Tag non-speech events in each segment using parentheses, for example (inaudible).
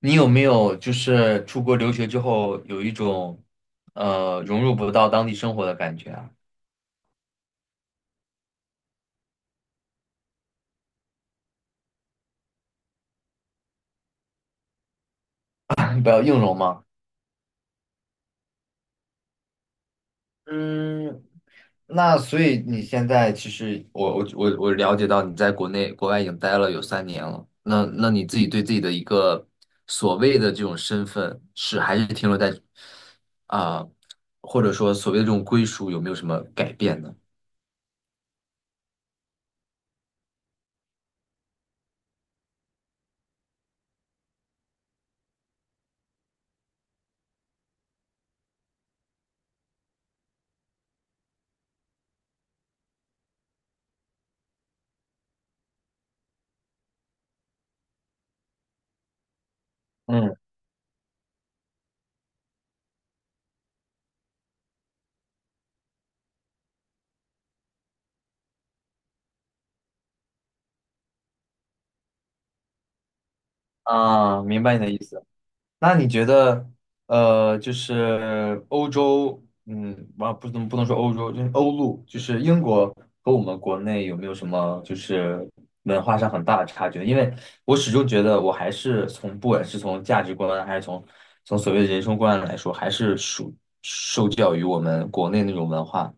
你有没有就是出国留学之后有一种融入不到当地生活的感觉啊？(laughs) 不要硬融吗？嗯，那所以你现在其实我了解到你在国内国外已经待了有三年了，那你自己对自己的一个所谓的这种身份是还是停留在啊、或者说所谓的这种归属有没有什么改变呢？嗯啊，明白你的意思。那你觉得，就是欧洲，不能说欧洲，就是欧陆，就是英国和我们国内有没有什么就是文化上很大的差距？因为我始终觉得，我还是从不管是从价值观，还是从所谓的人生观来说，还是属受教于我们国内那种文化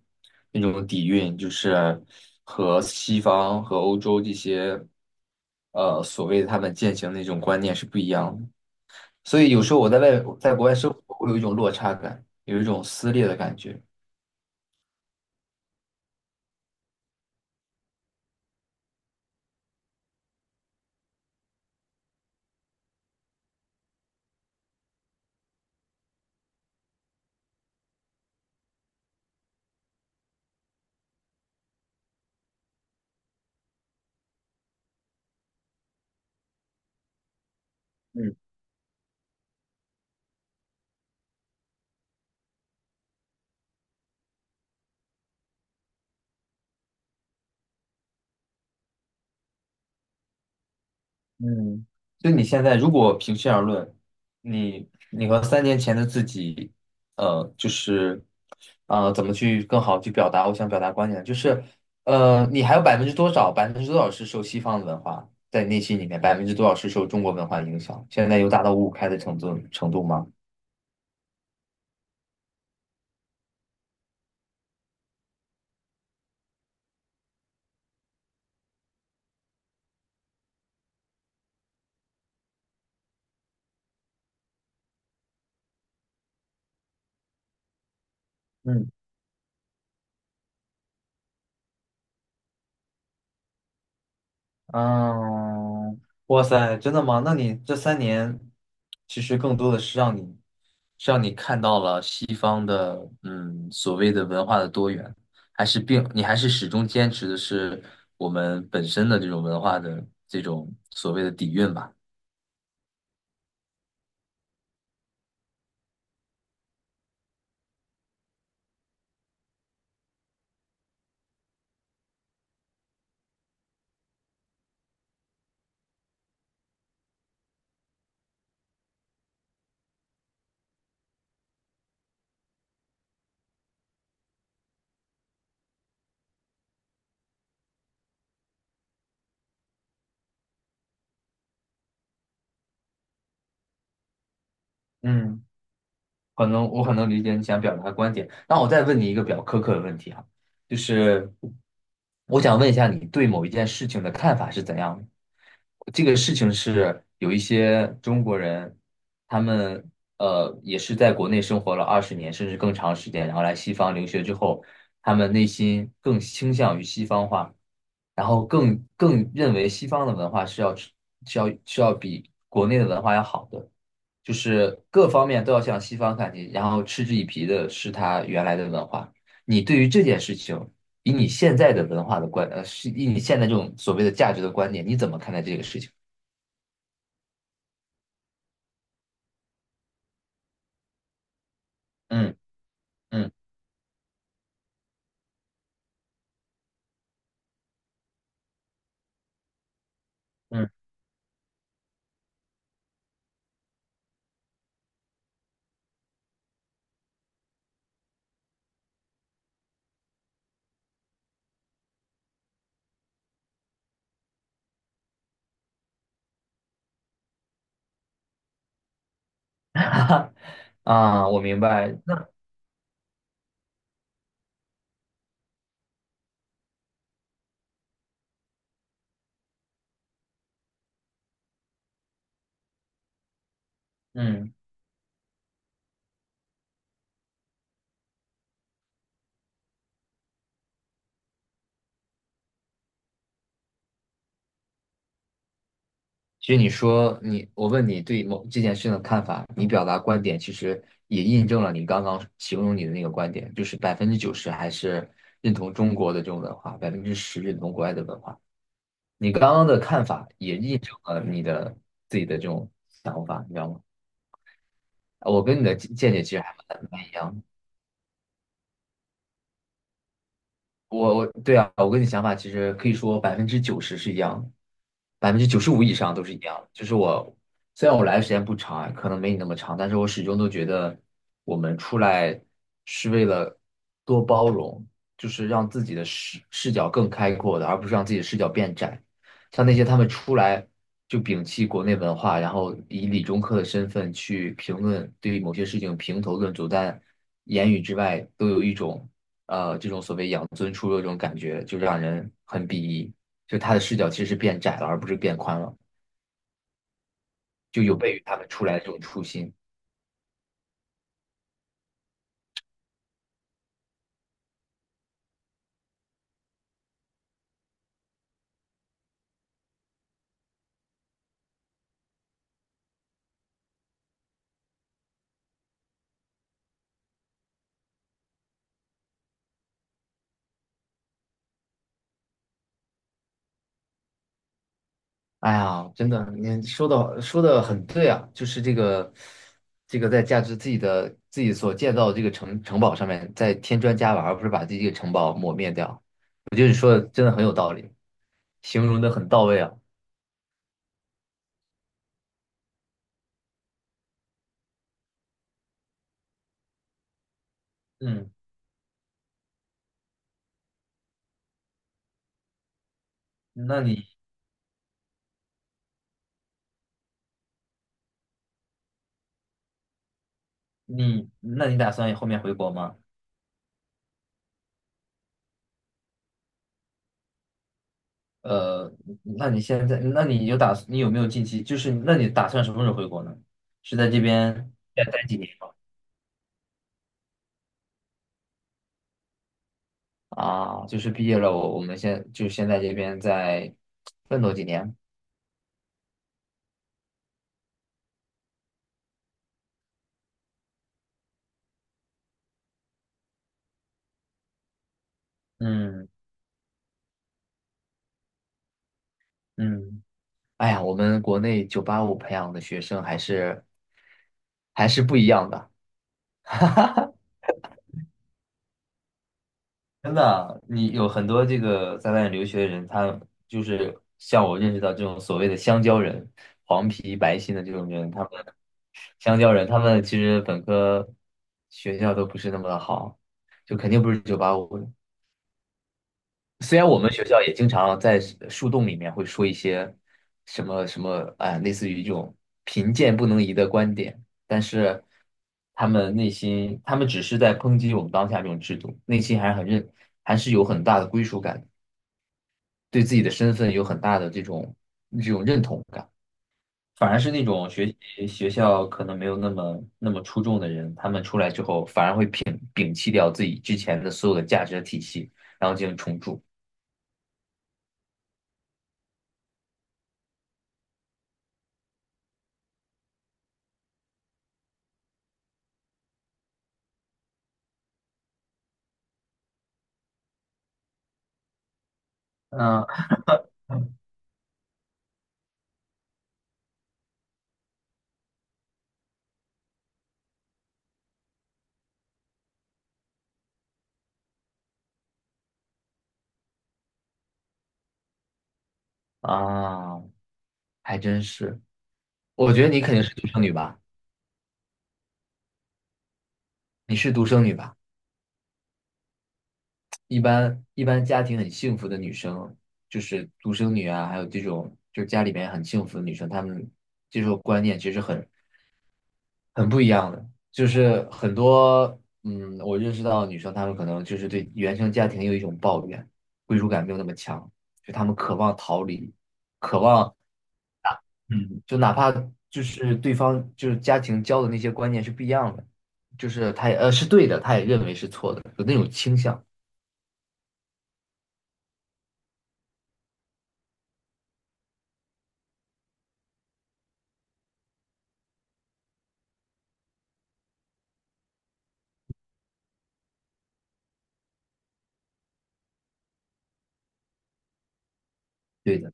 那种底蕴，就是和西方和欧洲这些，所谓他们践行的那种观念是不一样的。所以有时候我在国外生活，会有一种落差感，有一种撕裂的感觉。嗯嗯，就你现在，如果平心而论，你和3年前的自己，就是，怎么去更好去表达我想表达观点？就是，你还有百分之多少，百分之多少是受西方的文化在内心里面，百分之多少是受中国文化影响？现在有达到五五开的程度吗？嗯。嗯，哇塞，真的吗？那你这三年，其实更多的是让你看到了西方的，所谓的文化的多元，还是你还是始终坚持的是我们本身的这种文化的这种所谓的底蕴吧？嗯。可能我很能理解你想表达的观点。那我再问你一个比较苛刻的问题哈，就是我想问一下你对某一件事情的看法是怎样的？这个事情是有一些中国人，他们也是在国内生活了20年甚至更长时间，然后来西方留学之后，他们内心更倾向于西方化，然后更认为西方的文化是要是要是要比国内的文化要好的。就是各方面都要向西方看齐，然后嗤之以鼻的是他原来的文化。你对于这件事情，以你现在的文化的是以你现在这种所谓的价值的观点，你怎么看待这个事情？嗯嗯嗯。 (laughs) 啊，我明白。那嗯，其实你说你，我问你对某这件事情的看法，你表达观点，其实也印证了你刚刚形容你的那个观点，就是百分之九十还是认同中国的这种文化，10%认同国外的文化。你刚刚的看法也印证了你的自己的这种想法，你知道吗？我跟你的见解其实还蛮一样的。我对啊，我跟你想法其实可以说百分之九十是一样的，95%以上都是一样的。就是虽然我来的时间不长啊，可能没你那么长，但是我始终都觉得我们出来是为了多包容，就是让自己的视角更开阔的，而不是让自己的视角变窄。像那些他们出来就摒弃国内文化，然后以理中客的身份去评论，对于某些事情评头论足，但言语之外都有一种。这种所谓养尊处优这种感觉，就让人很鄙夷。就他的视角其实是变窄了，而不是变宽了，就有悖于他们出来的这种初心。哎呀，真的，你说的很对啊，就是这个在价值自己所建造的这个城堡上面再添砖加瓦，而不是把自己这个城堡抹灭掉。我觉得你说的真的很有道理，形容的很到位啊。嗯，那你那你打算后面回国吗？呃，那你现在，那你有打，算？你有没有近期，就是那你打算什么时候回国呢？是在这边再待几年吗？啊，就是毕业了，我们先在这边再奋斗几年。嗯嗯，哎呀，我们国内九八五培养的学生还是不一样的，(laughs) 真的啊，你有很多这个在外面留学的人，他就是像我认识到这种所谓的香蕉人，黄皮白心的这种人，他们香蕉人，他们其实本科学校都不是那么的好，就肯定不是九八五的。虽然我们学校也经常在树洞里面会说一些什么什么啊、类似于这种贫贱不能移的观点，但是他们内心，他们只是在抨击我们当下这种制度，内心还是有很大的归属感，对自己的身份有很大的这种认同感。反而是那种学校可能没有那么那么出众的人，他们出来之后反而会摒弃掉自己之前的所有的价值体系，然后进行重铸。嗯，啊，还真是。我觉得你肯定是独生女吧？你是独生女吧？一般家庭很幸福的女生，就是独生女啊，还有这种就是家里面很幸福的女生，她们接受观念其实很不一样的。就是很多我认识到的女生，她们可能就是对原生家庭有一种抱怨，归属感没有那么强，就她们渴望逃离，渴望。嗯就哪怕就是对方就是家庭教的那些观念是不一样的，就是他也是对的，他也认为是错的，有那种倾向，对的，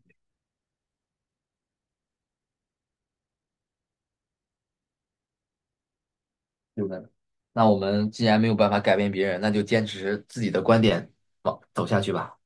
对的。那我们既然没有办法改变别人，那就坚持自己的观点，走下去吧。